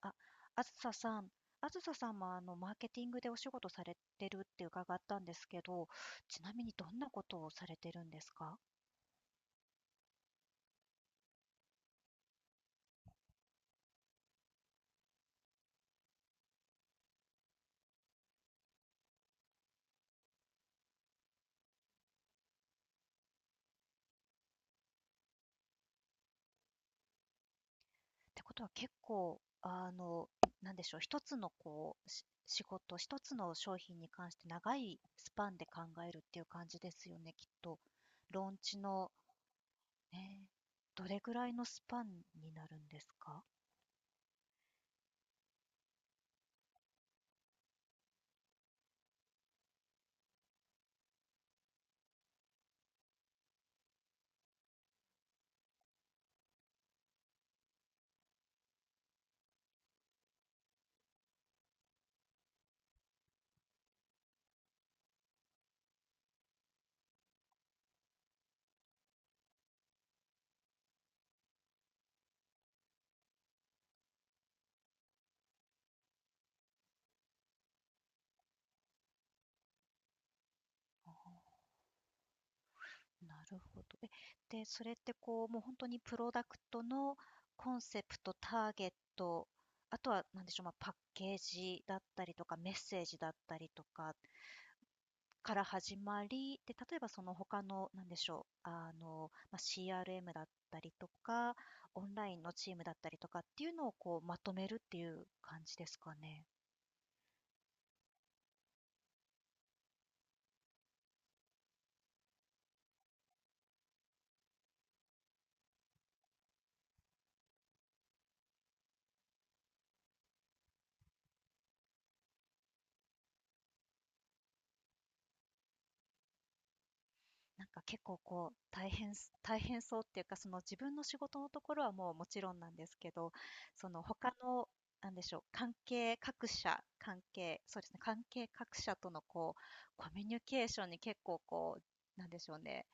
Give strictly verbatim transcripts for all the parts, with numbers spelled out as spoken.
あ、あずささん、あずささんもあのマーケティングでお仕事されてるって伺ったんですけど、ちなみにどんなことをされてるんですか？てことは結構、あの、なんでしょう、一つのこう、し仕事、一つの商品に関して長いスパンで考えるっていう感じですよね、きっと。ローンチの、ね、どれぐらいのスパンになるんですか？あーなるほど。え、で、それってこう、もう本当にプロダクトのコンセプト、ターゲット、あとは、なんでしょう、まあ、パッケージだったりとか、メッセージだったりとか、から始まり、で、例えばその他の、なんでしょう、あの、まあ、シーアールエム だったりとか、オンラインのチームだったりとかっていうのをこうまとめるっていう感じですかね。なんか結構こう、大変す大変そうっていうか、その自分の仕事のところはもうもちろんなんですけど、その他の、なんでしょう、関係各社、関係そうですね、関係各社とのこう、コミュニケーションに結構こう、なんでしょうね、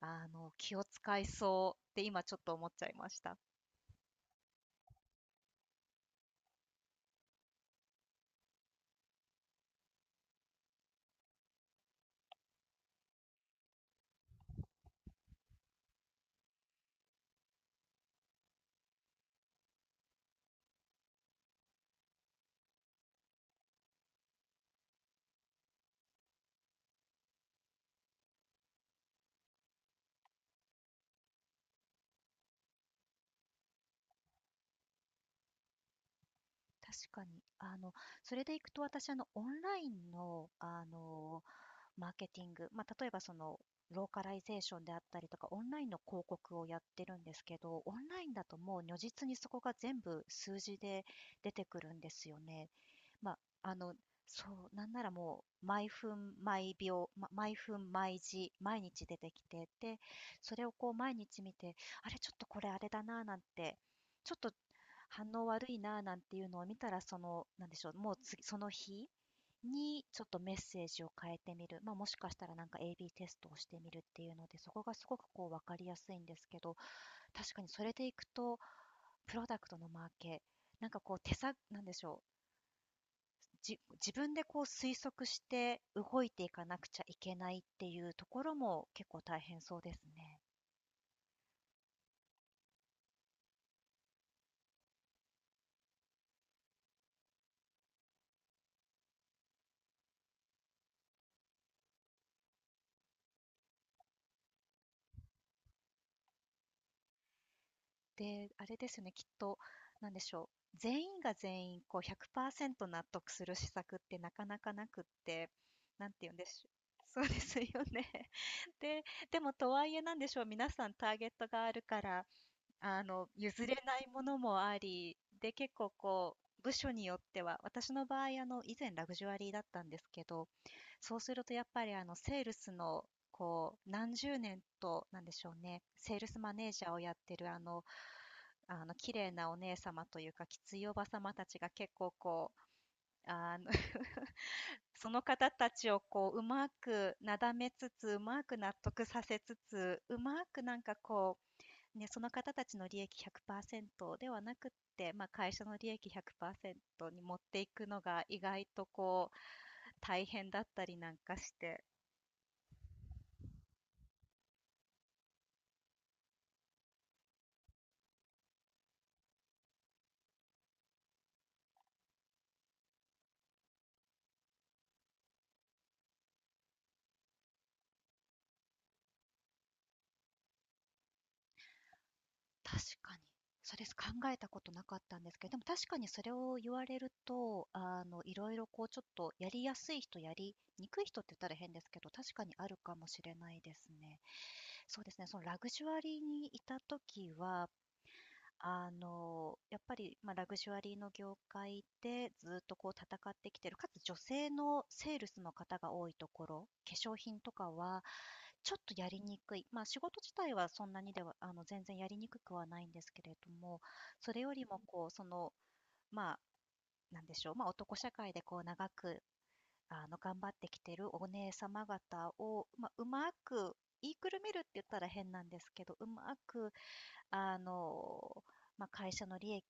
あの、気を使いそうって今ちょっと思っちゃいました。確かに。あの、それでいくと私、あの、オンラインの、あの、マーケティング、まあ、例えばそのローカライゼーションであったりとか、オンラインの広告をやってるんですけど、オンラインだともう如実にそこが全部数字で出てくるんですよね。まあ、あの、そう、なんならもう、毎分、毎秒、ま毎分、毎時、毎日出てきて、で、それをこう毎日見て、あれ、ちょっとこれあれだな、なんて、ちょっと反応悪いなあなんていうのを見たら、その、なんでしょう、もう次その日にちょっとメッセージを変えてみる、まあ、もしかしたらなんか エービー テストをしてみるっていうので、そこがすごくこう分かりやすいんですけど、確かにそれでいくと、プロダクトのマーケ、なんかこう手さ、なんでしょう、じ自分でこう推測して動いていかなくちゃいけないっていうところも結構大変そうですね。で、あれですよね、きっと、なんでしょう、全員が全員こうひゃくパーセント納得する施策ってなかなかなくって、なんて言うんでしょう。そうですよね。で、でもとはいえなんでしょう、皆さんターゲットがあるから、あの、譲れないものもあり、で、結構こう、部署によっては、私の場合、あの、以前ラグジュアリーだったんですけど、そうするとやっぱりあの、セールスの、こう、何十年と、なんでしょうね、セールスマネージャーをやってるあの、あの、綺麗なお姉様というか、きついおば様たちが結構こう、あの その方たちをこう、うまくなだめつつ、うまく納得させつつ、うまくなんかこう、ね、その方たちの利益ひゃくパーセントではなくって、まあ、会社の利益ひゃくパーセントに持っていくのが意外とこう大変だったりなんかして。確かに。それ考えたことなかったんですけど、でも確かにそれを言われると、あの、いろいろこうちょっとやりやすい人、やりにくい人って言ったら変ですけど、確かにあるかもしれないですね。そうですね、そのラグジュアリーにいた時は、あの、やっぱり、まあ、ラグジュアリーの業界でずっとこう戦ってきてる、かつ女性のセールスの方が多いところ、化粧品とかはちょっとやりにくい、ま、あ仕事自体はそんなにではあの、全然やりにくくはないんですけれども、それよりもこう、その、ま、あなんでしょう、ま、あ男社会でこう長く、あの、頑張ってきてるお姉様方を、まあ、うまく言いくるめるって言ったら変なんですけど、うまくあの、まあ、会社の利益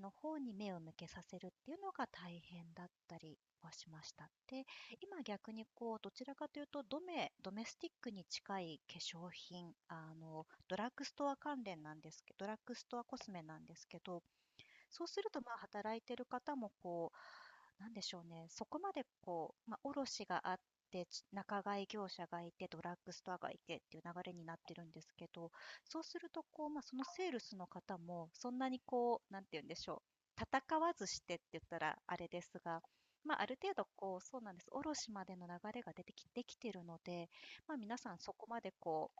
の方に目を向けさせるっていうのが大変だったりはしました。で、今逆にこう、どちらかというと、ドメ、ドメスティックに近い化粧品、あの、ドラッグストア関連なんですけど、ドラッグストアコスメなんですけど、そうすると、まあ、働いてる方もこう、なんでしょうね、そこまでこう、まあ、卸があって、ち仲買業者がいて、ドラッグストアがいてっていう流れになってるんですけど、そうすると、こう、まあ、そのセールスの方も、そんなにこう、なんて言うんでしょう、戦わずしてって言ったらあれですが、まあ、ある程度こう、そうなんです、卸までの流れが出てき、できてるので、まあ、皆さんそこまでこ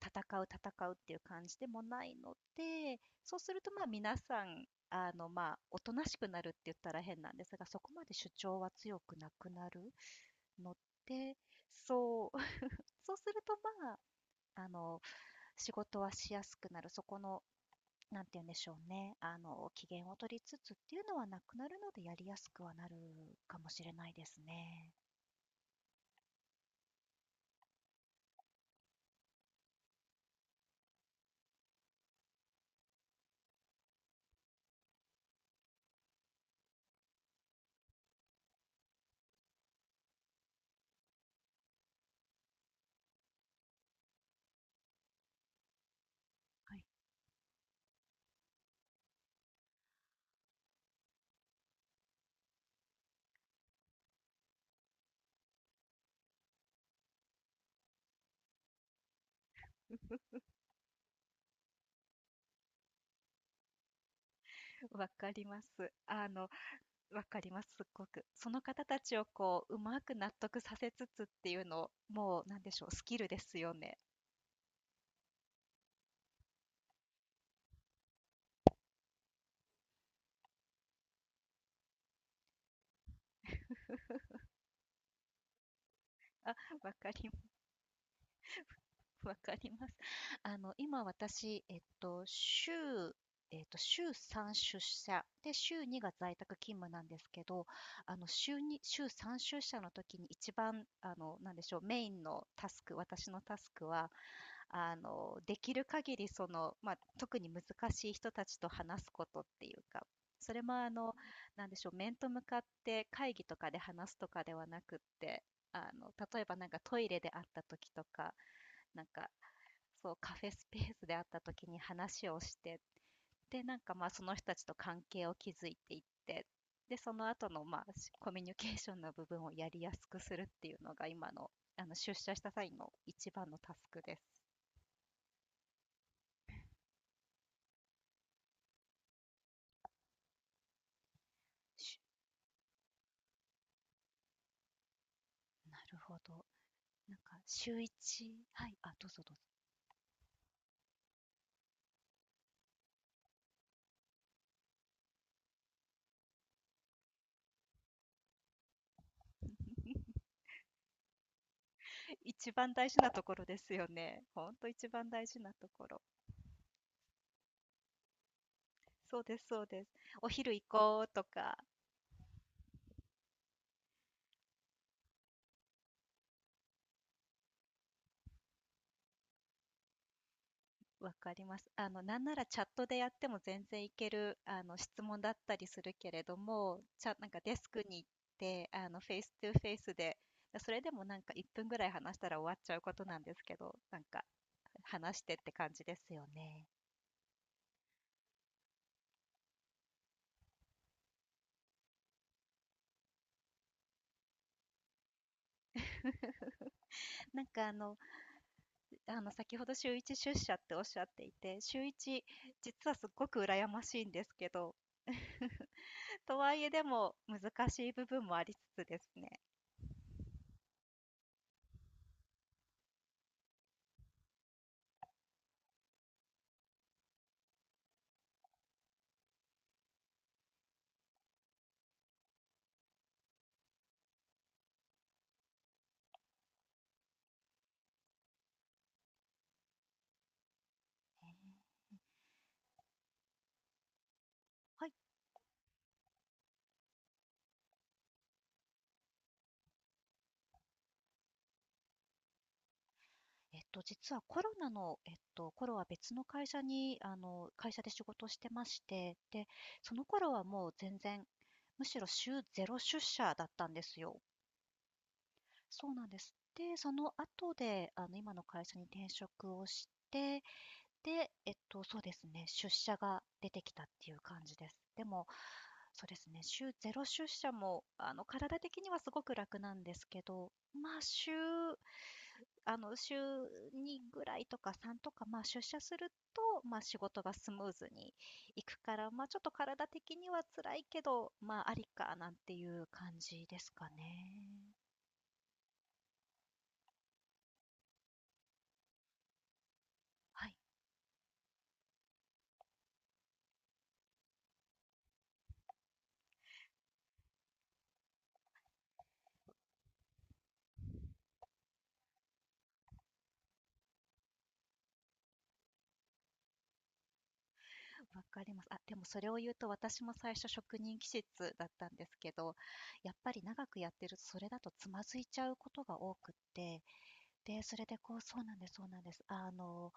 戦う戦うっていう感じでもないので、そうするとまあ皆さん、あのまあおとなしくなるって言ったら変なんですが、そこまで主張は強くなくなるので、そう そうするとまあ、あの仕事はしやすくなる、そこの、なんて言うんでしょうね、あの機嫌を取りつつっていうのはなくなるので、やりやすくはなるかもしれないですね。はい、わかります。あのわかります、すっごく。その方たちをこう、うまく納得させつつっていうの、もうなんでしょう、スキルですよね。あ、わかり わかります。あの、今私、えっと、週、えっと、週さん出社で、週にが在宅勤務なんですけど、あの、週に、週さん出社の時に一番、あの、なんでしょう、メインのタスク、私のタスクは、あのできる限りその、まあ、特に難しい人たちと話すことっていうか、それもあのなんでしょう、面と向かって会議とかで話すとかではなくって、あの例えばなんかトイレで会った時とか、なんかそうカフェスペースで会った時に話をして、でなんかまあその人たちと関係を築いていって、でその後のまあしコミュニケーションの部分をやりやすくするっていうのが今のあの出社した際の一番のタスクです。なるほど。なんか週一、はい、あ、どうぞどうぞ。一番大事なところですよね。ほんと一番大事なところ。そうですそうです。お昼行こうとか、わかります。あの、なんならチャットでやっても全然いける、あの、質問だったりするけれども、ちゃなんかデスクに行って、あの、フェイストゥフェイスで、それでもなんかいっぷんぐらい話したら終わっちゃうことなんですけど、なんか話してって感じですよね。なんかあのであの先ほど週いち出社っておっしゃっていて、週いち、実はすっごく羨ましいんですけど、とはいえでも難しい部分もありつつですね。はい。えっと、実はコロナの、えっと、頃は別の会社に、あの、会社で仕事をしてまして、で、その頃はもう全然、むしろ週ゼロ出社だったんですよ。そうなんです。で、その後で、あの、今の会社に転職をして、で、えっと、そうですね、出社が出てきたっていう感じです。でも、そうですね、週ゼロ出社も、あの、体的にはすごく楽なんですけど、まあ、週あの、週にぐらいとかさんとか、まあ、出社すると、まあ、仕事がスムーズにいくから、まあ、ちょっと体的には辛いけど、まあ、ありかなんていう感じですかね。はい。わかります。あ、でもそれを言うと私も最初職人気質だったんですけど、やっぱり長くやってるとそれだとつまずいちゃうことが多くって、で、それでこう、そうなんですそうなんです。あの、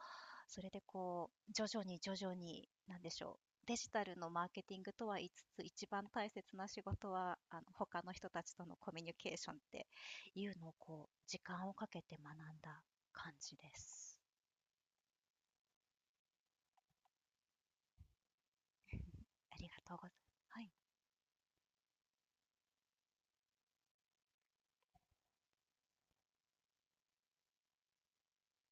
それでこう、徐々に徐々に、なんでしょう、デジタルのマーケティングとは言いつつ、一番大切な仕事は、あの、他の人たちとのコミュニケーションっていうのをこう、時間をかけて学んだ感じです。ありがとうございます。はい。